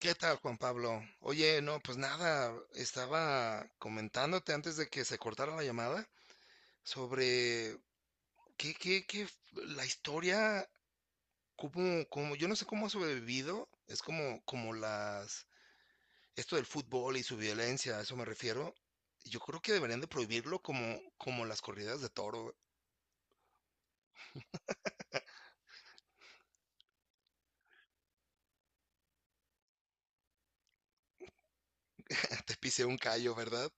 ¿Qué tal, Juan Pablo? Oye, no, pues nada, estaba comentándote antes de que se cortara la llamada sobre la historia, yo no sé cómo ha sobrevivido, es como las esto del fútbol y su violencia, a eso me refiero. Yo creo que deberían de prohibirlo como las corridas de toro. Te pisé un callo, ¿verdad?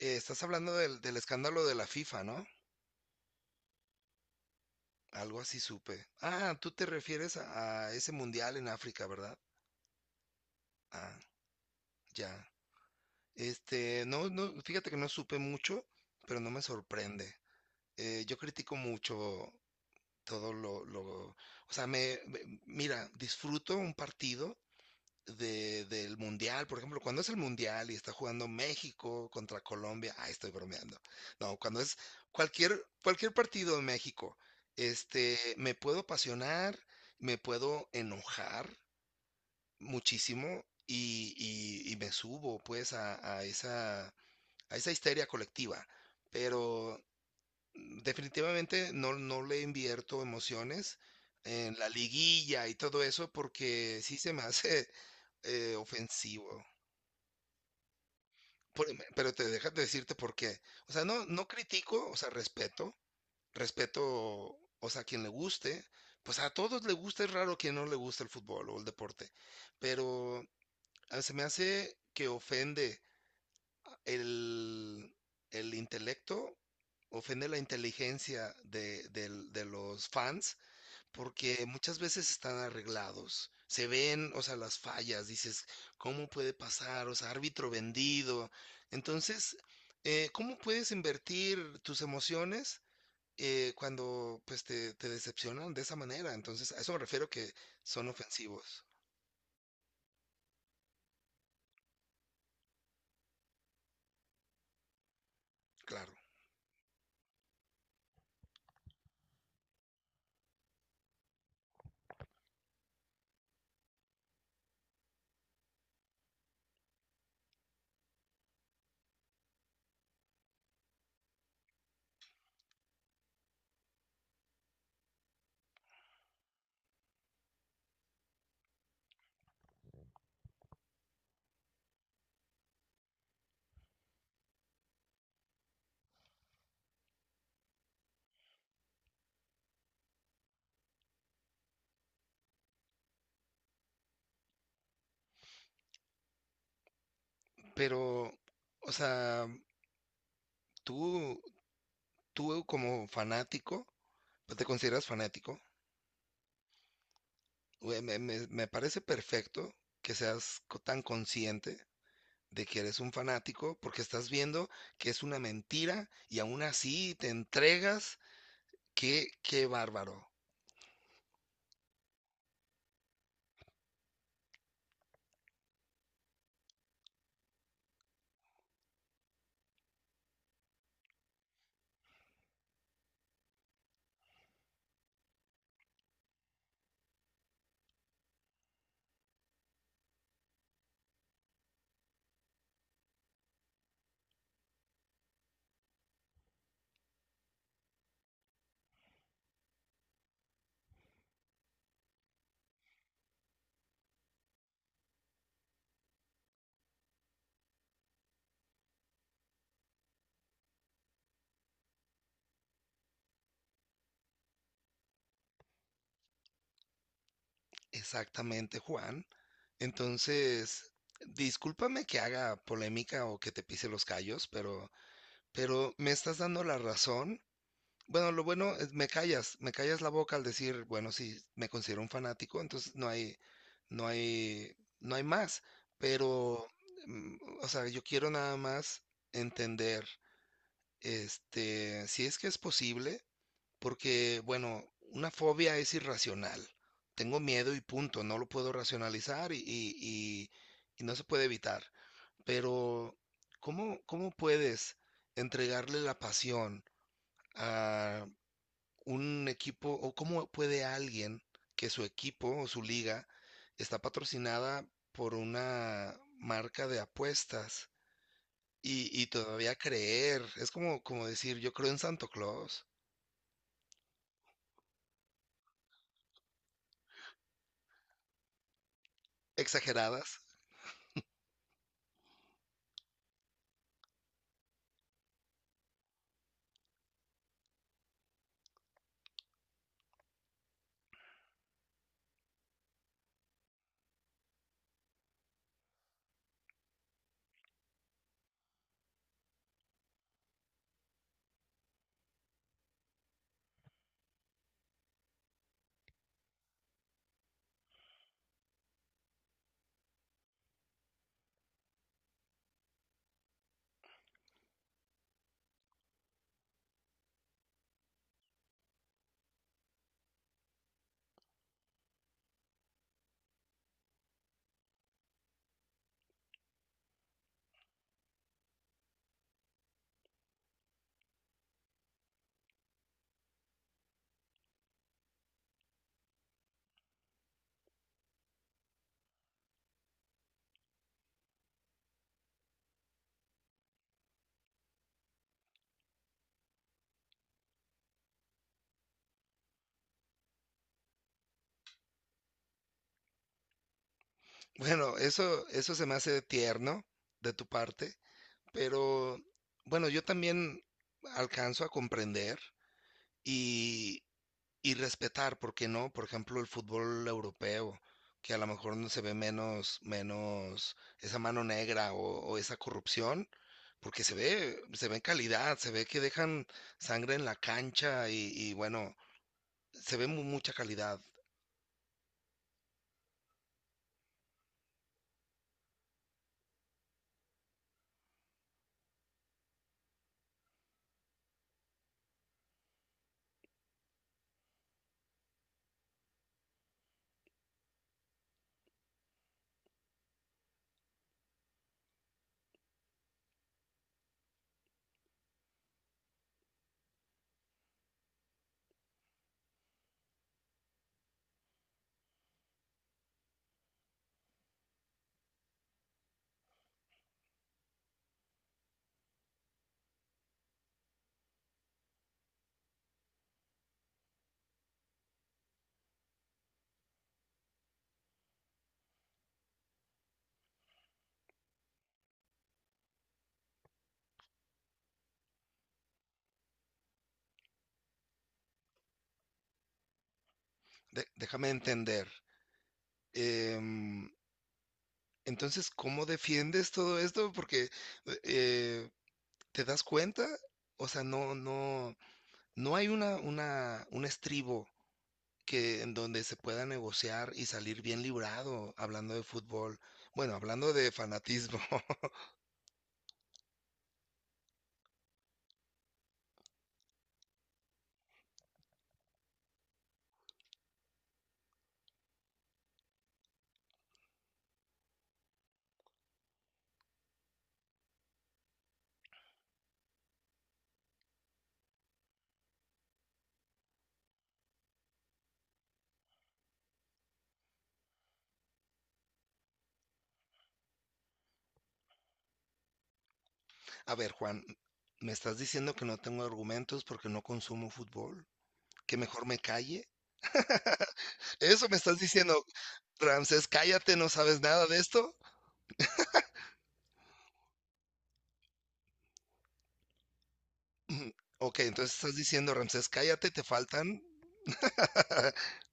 Estás hablando del escándalo de la FIFA, ¿no? Algo así supe. Ah, tú te refieres a ese mundial en África, ¿verdad? Ah. Ya. Este, no, no, fíjate que no supe mucho, pero no me sorprende. Yo critico mucho todo o sea, mira, disfruto un partido del Mundial, por ejemplo, cuando es el Mundial y está jugando México contra Colombia, ay, estoy bromeando. No, cuando es cualquier partido de México, este, me puedo apasionar, me puedo enojar muchísimo y me subo pues a esa a esa histeria colectiva, pero definitivamente no, no le invierto emociones en la liguilla y todo eso porque sí se me hace ofensivo. Pero te dejas decirte por qué. O sea, no, no critico, o sea, respeto, o sea, a quien le guste, pues a todos le gusta, es raro quien no le gusta el fútbol o el deporte, pero se me hace que ofende el, el intelecto ofende la inteligencia de los fans porque muchas veces están arreglados. Se ven, o sea, las fallas, dices, ¿cómo puede pasar? O sea, árbitro vendido. Entonces, ¿cómo puedes invertir tus emociones cuando pues te decepcionan de esa manera? Entonces, a eso me refiero que son ofensivos, claro. Pero, o sea, tú, tú como fanático, ¿no? ¿Te consideras fanático? Güey, me parece perfecto que seas tan consciente de que eres un fanático porque estás viendo que es una mentira y aún así te entregas. Qué, qué bárbaro. Exactamente, Juan. Entonces, discúlpame que haga polémica o que te pise los callos, pero me estás dando la razón. Bueno, lo bueno es me callas la boca al decir, bueno, sí, me considero un fanático, entonces no hay, no hay, no hay más. Pero, mm, o sea, yo quiero nada más entender, este, si es que es posible, porque, bueno, una fobia es irracional. Tengo miedo y punto, no lo puedo racionalizar y- y no se puede evitar. Pero, ¿cómo puedes entregarle la pasión un equipo o cómo puede alguien que su equipo o su liga está patrocinada por una marca de apuestas y todavía creer? Es como decir, yo creo en Santo Claus. Exageradas. Bueno, eso se me hace tierno de tu parte, pero bueno, yo también alcanzo a comprender y, Y respetar, ¿por qué no? Por ejemplo, el fútbol europeo, que a lo mejor no se ve menos, menos esa mano negra o esa corrupción, porque se ve en calidad, se ve que dejan sangre en la cancha y bueno, se ve mucha calidad. Déjame entender. Em, entonces, ¿cómo defiendes todo esto? Porque eh, ¿te das cuenta? O sea, no, no, no hay un estribo que en donde se pueda negociar y salir bien librado hablando de fútbol. Bueno, hablando de fanatismo. A ver, Juan, me estás diciendo que no tengo argumentos porque no consumo fútbol, que mejor me calle. Eso me estás diciendo, Ramsés, cállate, no sabes nada de esto. Mm, ok, entonces estás diciendo, Ramsés, cállate, te faltan.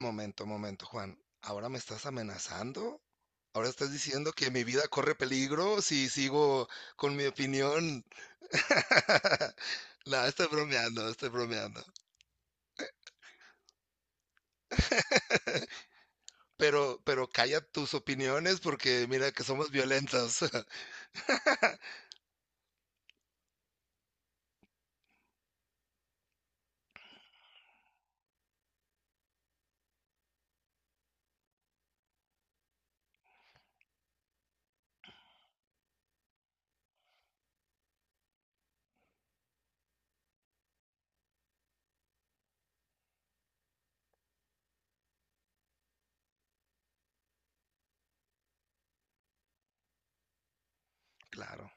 Momento, momento, Juan. ¿Ahora me estás amenazando? ¿Ahora estás diciendo que mi vida corre peligro si sigo con mi opinión? No, estoy bromeando, estoy bromeando. Pero calla tus opiniones porque mira que somos violentos. Claro.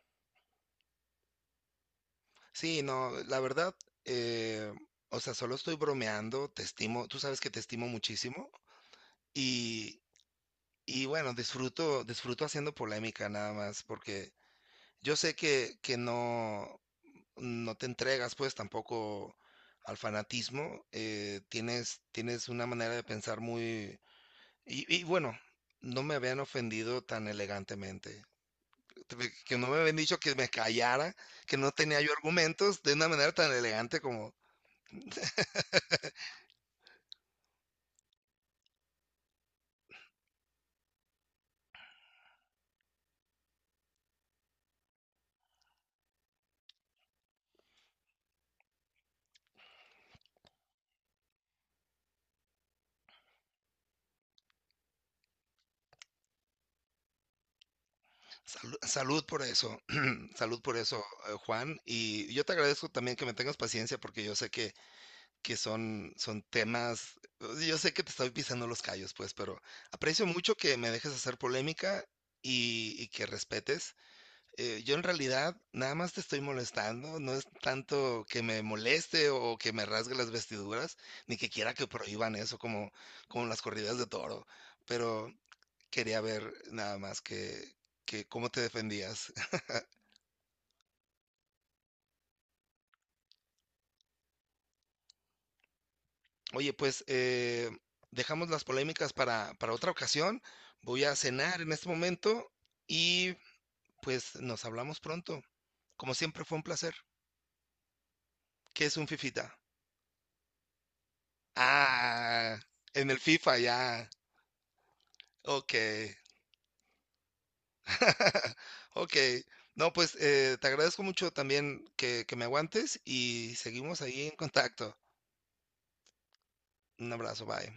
Sí, no, la verdad, eh, o sea, solo estoy bromeando, te estimo, tú sabes que te estimo muchísimo y, y bueno, disfruto, disfruto haciendo polémica nada más porque yo sé que no, no te entregas pues tampoco al fanatismo, tienes, tienes una manera de pensar muy. Y bueno, no me habían ofendido tan elegantemente. Que no me habían dicho que me callara, que no tenía yo argumentos de una manera tan elegante como salud por eso, salud por eso, Juan. Y yo te agradezco también que me tengas paciencia porque yo sé que son, son temas, yo sé que te estoy pisando los callos, pues, pero aprecio mucho que me dejes hacer polémica y que respetes. Yo en realidad nada más te estoy molestando, no es tanto que me moleste o que me rasgue las vestiduras, ni que quiera que prohíban eso como, como las corridas de toro, pero quería ver nada más que cómo te defendías. Oye, pues dejamos las polémicas para otra ocasión. Voy a cenar en este momento y pues nos hablamos pronto. Como siempre fue un placer. ¿Qué es un fifita? Ah, en el FIFA ya. Ok. Okey. No, pues, te agradezco mucho también que me aguantes y seguimos ahí en contacto. Un abrazo, bye.